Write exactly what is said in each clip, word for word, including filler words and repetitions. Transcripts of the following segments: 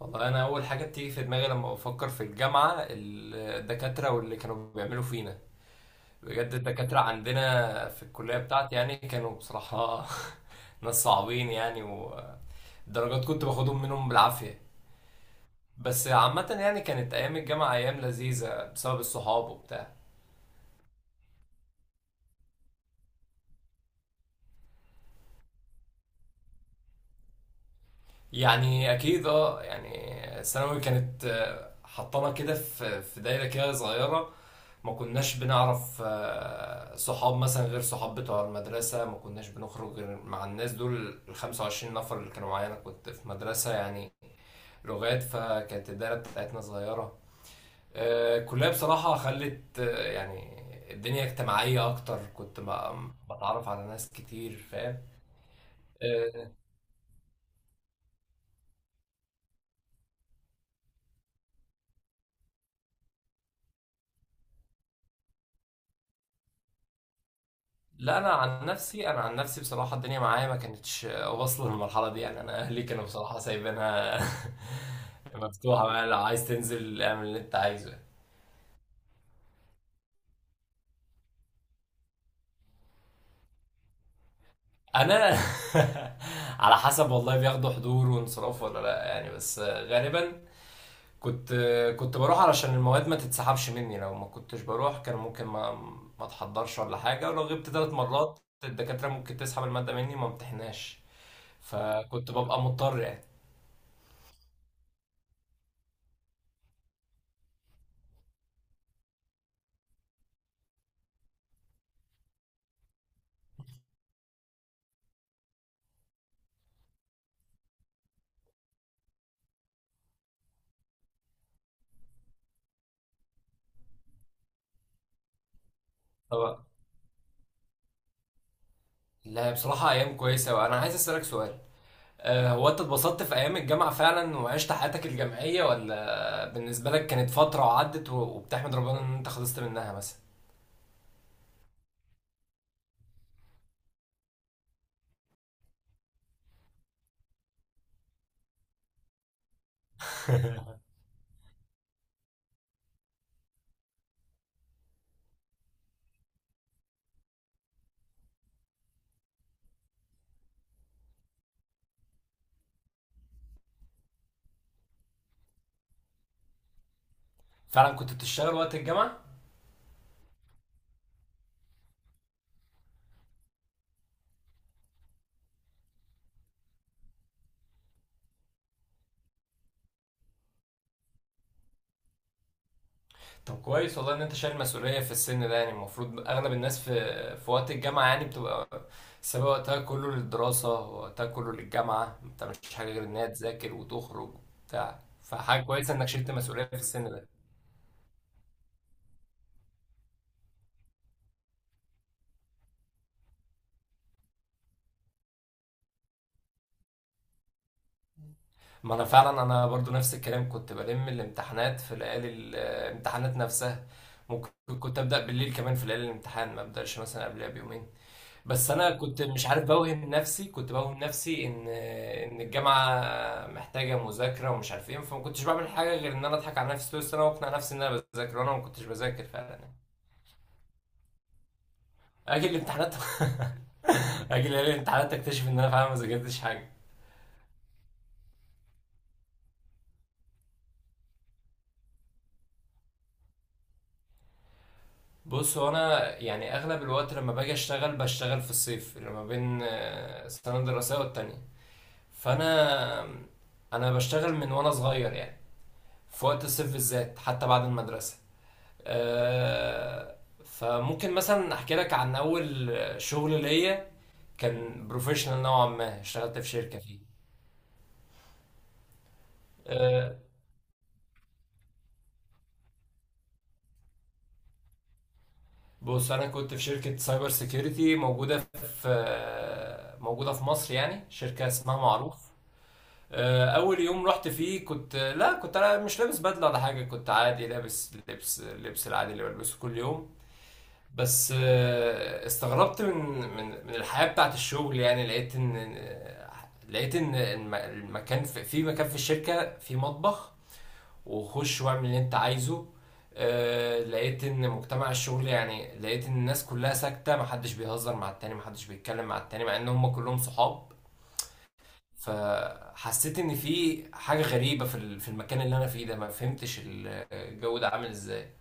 والله انا اول حاجه بتيجي في دماغي لما بفكر في الجامعه الدكاتره واللي كانوا بيعملوا فينا. بجد الدكاتره عندنا في الكليه بتاعتي يعني كانوا بصراحه ناس صعبين يعني، والدرجات كنت باخدهم منهم بالعافيه. بس عامه يعني كانت ايام الجامعه ايام لذيذه بسبب الصحاب وبتاع. يعني اكيد اه يعني ثانوي كانت، آه، حطانا كده في في دايره كده صغيره. ما كناش بنعرف آه، صحاب مثلا غير صحاب بتوع المدرسة، ما كناش بنخرج غير مع الناس دول. ال خمسة وعشرين نفر اللي كانوا معايا، أنا كنت في مدرسة يعني لغات، فكانت الدايرة بتاعتنا صغيرة. آه، الكلية بصراحة خلت، آه، يعني الدنيا اجتماعية أكتر. كنت بقى- بتعرف على ناس كتير، فاهم؟ آه، لا، أنا عن نفسي أنا عن نفسي بصراحة الدنيا معايا ما كانتش واصلة للمرحلة دي. يعني أنا أهلي كانوا بصراحة سايبينها مفتوحة بقى، لو عايز تنزل اعمل اللي أنت عايزه. انا على حسب والله، بياخدوا حضور وانصراف ولا لا يعني، بس غالبا كنت كنت بروح علشان المواد ما تتسحبش مني. لو ما كنتش بروح كان ممكن ما ما اتحضرش ولا حاجه، ولو غبت ثلاث مرات الدكاتره ممكن تسحب الماده مني، ما امتحناش. فكنت ببقى مضطر يعني. طبعا. لا بصراحه ايام كويسه، وانا عايز اسالك سؤال، آه، هو انت اتبسطت في ايام الجامعه فعلا وعشت حياتك الجامعيه، ولا بالنسبه لك كانت فتره وعدت و- وبتحمد ربنا ان انت خلصت منها مثلا؟ فعلا كنت بتشتغل وقت الجامعة؟ طب كويس والله ان انت شايل مسؤولية في السن ده، يعني المفروض اغلب الناس في في وقت الجامعة يعني بتبقى سابقة وقتها كله للدراسة، وقتها كله للجامعة، ما بتعملش حاجة غير انها تذاكر وتخرج وبتاع، فحاجة كويسة انك شلت مسؤولية في السن ده. ما انا فعلا، انا برضو نفس الكلام، كنت بلم الامتحانات في ليالي الامتحانات نفسها. ممكن كنت ابدأ بالليل كمان في ليالي الامتحان، ما ابدأش مثلا قبلها بيومين. بس انا كنت مش عارف، بوهم نفسي، كنت بوهم نفسي ان ان الجامعه محتاجه مذاكره ومش عارف ايه، فما كنتش بعمل حاجه غير ان انا اضحك على نفسي طول السنه واقنع نفسي ان انا بذاكر وانا ما كنتش بذاكر فعلا. اجي الامتحانات، اجي ليالي الامتحانات اكتشف ان انا فعلا ما ذاكرتش حاجه. بص هو انا يعني اغلب الوقت لما باجي اشتغل بشتغل في الصيف اللي ما بين آه، سنه دراسيه والتانيه. فانا انا بشتغل من وانا صغير يعني، في وقت الصيف بالذات حتى بعد المدرسه. آه، فممكن مثلا احكي لك عن اول شغل ليا، كان بروفيشنال نوعا ما، اشتغلت في شركه فيه. آه، بص انا كنت في شركه سايبر سيكيورتي موجوده في آه، موجوده في مصر يعني، شركه اسمها معروف. آه، اول يوم رحت فيه، كنت لا، كنت انا مش لابس بدله ولا حاجه، كنت عادي لابس لبس لبس العادي اللي بلبسه كل يوم. بس آه، استغربت من من من الحياة بتاعت الشغل يعني. لقيت ان لقيت ان الم- المكان في في مكان في الشركة، في مطبخ، وخش واعمل اللي انت عايزه. آه، لقيت ان مجتمع الشغل، يعني لقيت ان الناس كلها ساكتة، محدش بيهزر مع التاني، محدش بيتكلم مع التاني، مع ان هم كلهم صحاب. فحسيت ان في حاجة غريبة في ال- في المكان اللي انا فيه ده، ما فهمتش الجو ده عامل ازاي.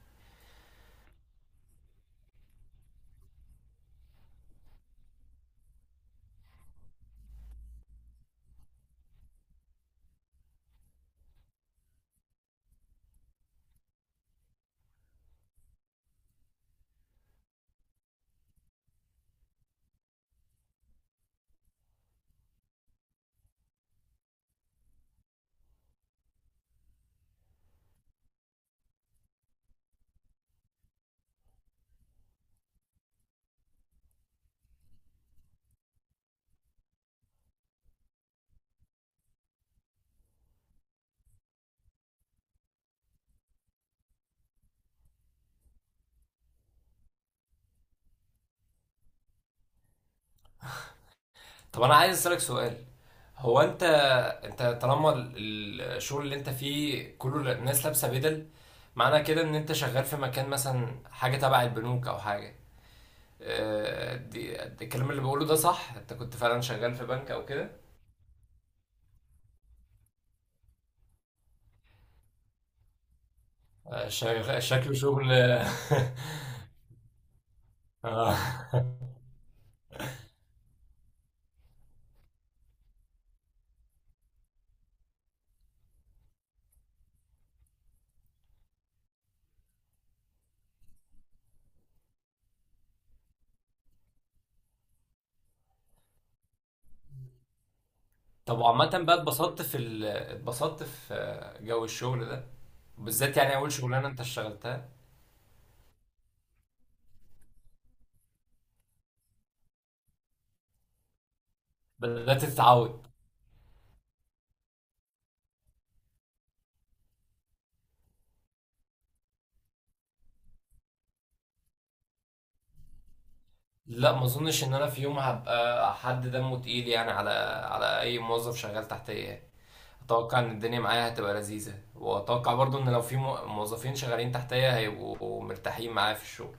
طب انا عايز اسألك سؤال، هو انت انت طالما ال- ال- الشغل اللي انت فيه كل الناس لابسه بدل، معنى كده ان انت شغال في مكان مثلا حاجه تبع البنوك او حاجه. آه، دي دي الكلام اللي بقوله ده صح؟ انت كنت فعلا شغال في بنك او كده؟ آه، شغ- شكله شغل. آه. طب وعامة بقى، اتبسطت في ال... اتبسطت في آه، جو الشغل ده بالذات، يعني اول شغلانة انت اشتغلتها، بدأت تتعود؟ لا، ما اظنش ان انا في يوم هبقى حد دمه تقيل، يعني على على اي موظف شغال تحتيه يعني. اتوقع ان الدنيا معايا هتبقى لذيذة، واتوقع برضو ان لو في مو- موظفين شغالين تحتيا هيبقوا مرتاحين معايا في الشغل.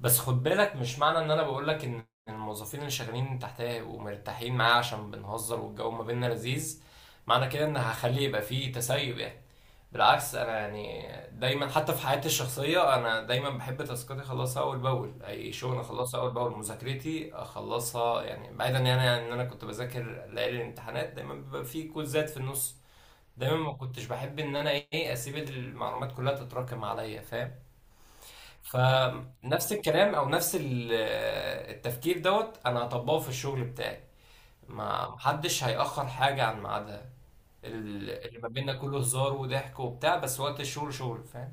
بس خد بالك، مش معنى ان انا بقول لك ان الموظفين اللي شغالين تحتيا هيبقوا مرتاحين معايا عشان بنهزر والجو ما بيننا لذيذ، معنى كده ان هخلي يبقى فيه تسيب يعني. بالعكس انا يعني، دايما حتى في حياتي الشخصيه انا دايما بحب تاسكاتي اخلصها اول باول، اي شغل اخلصها اول باول، مذاكرتي اخلصها، يعني بعيدا يعني عن ان انا كنت بذاكر ليالي الامتحانات دايما بيبقى فيه كوزات في النص. دايما ما كنتش بحب ان انا ايه اسيب المعلومات كلها تتراكم عليا، فاهم؟ فنفس الكلام او نفس ال- التفكير دوت انا هطبقه في الشغل بتاعي، ما محدش هيأخر حاجة عن ميعادها. ال- اللي ما بيننا كله هزار وضحك وبتاع، بس وقت الشغل شغل، فاهم؟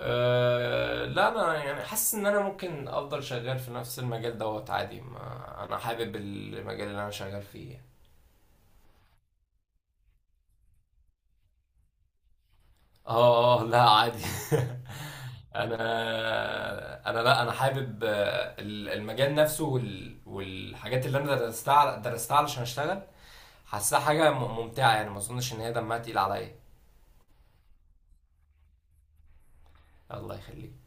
أه لا، انا يعني حاسس ان انا ممكن افضل شغال في نفس المجال دوت عادي، ما انا حابب المجال اللي انا شغال فيه. اه اه، لا عادي. انا انا لا، انا حابب آه، ال- المجال نفسه، وال- والحاجات اللي انا درستها على- درستها علشان اشتغل. حاسها حاجه م- ممتعه، يعني ما اظنش ان هي دمها تقيل عليا. الله يخليك.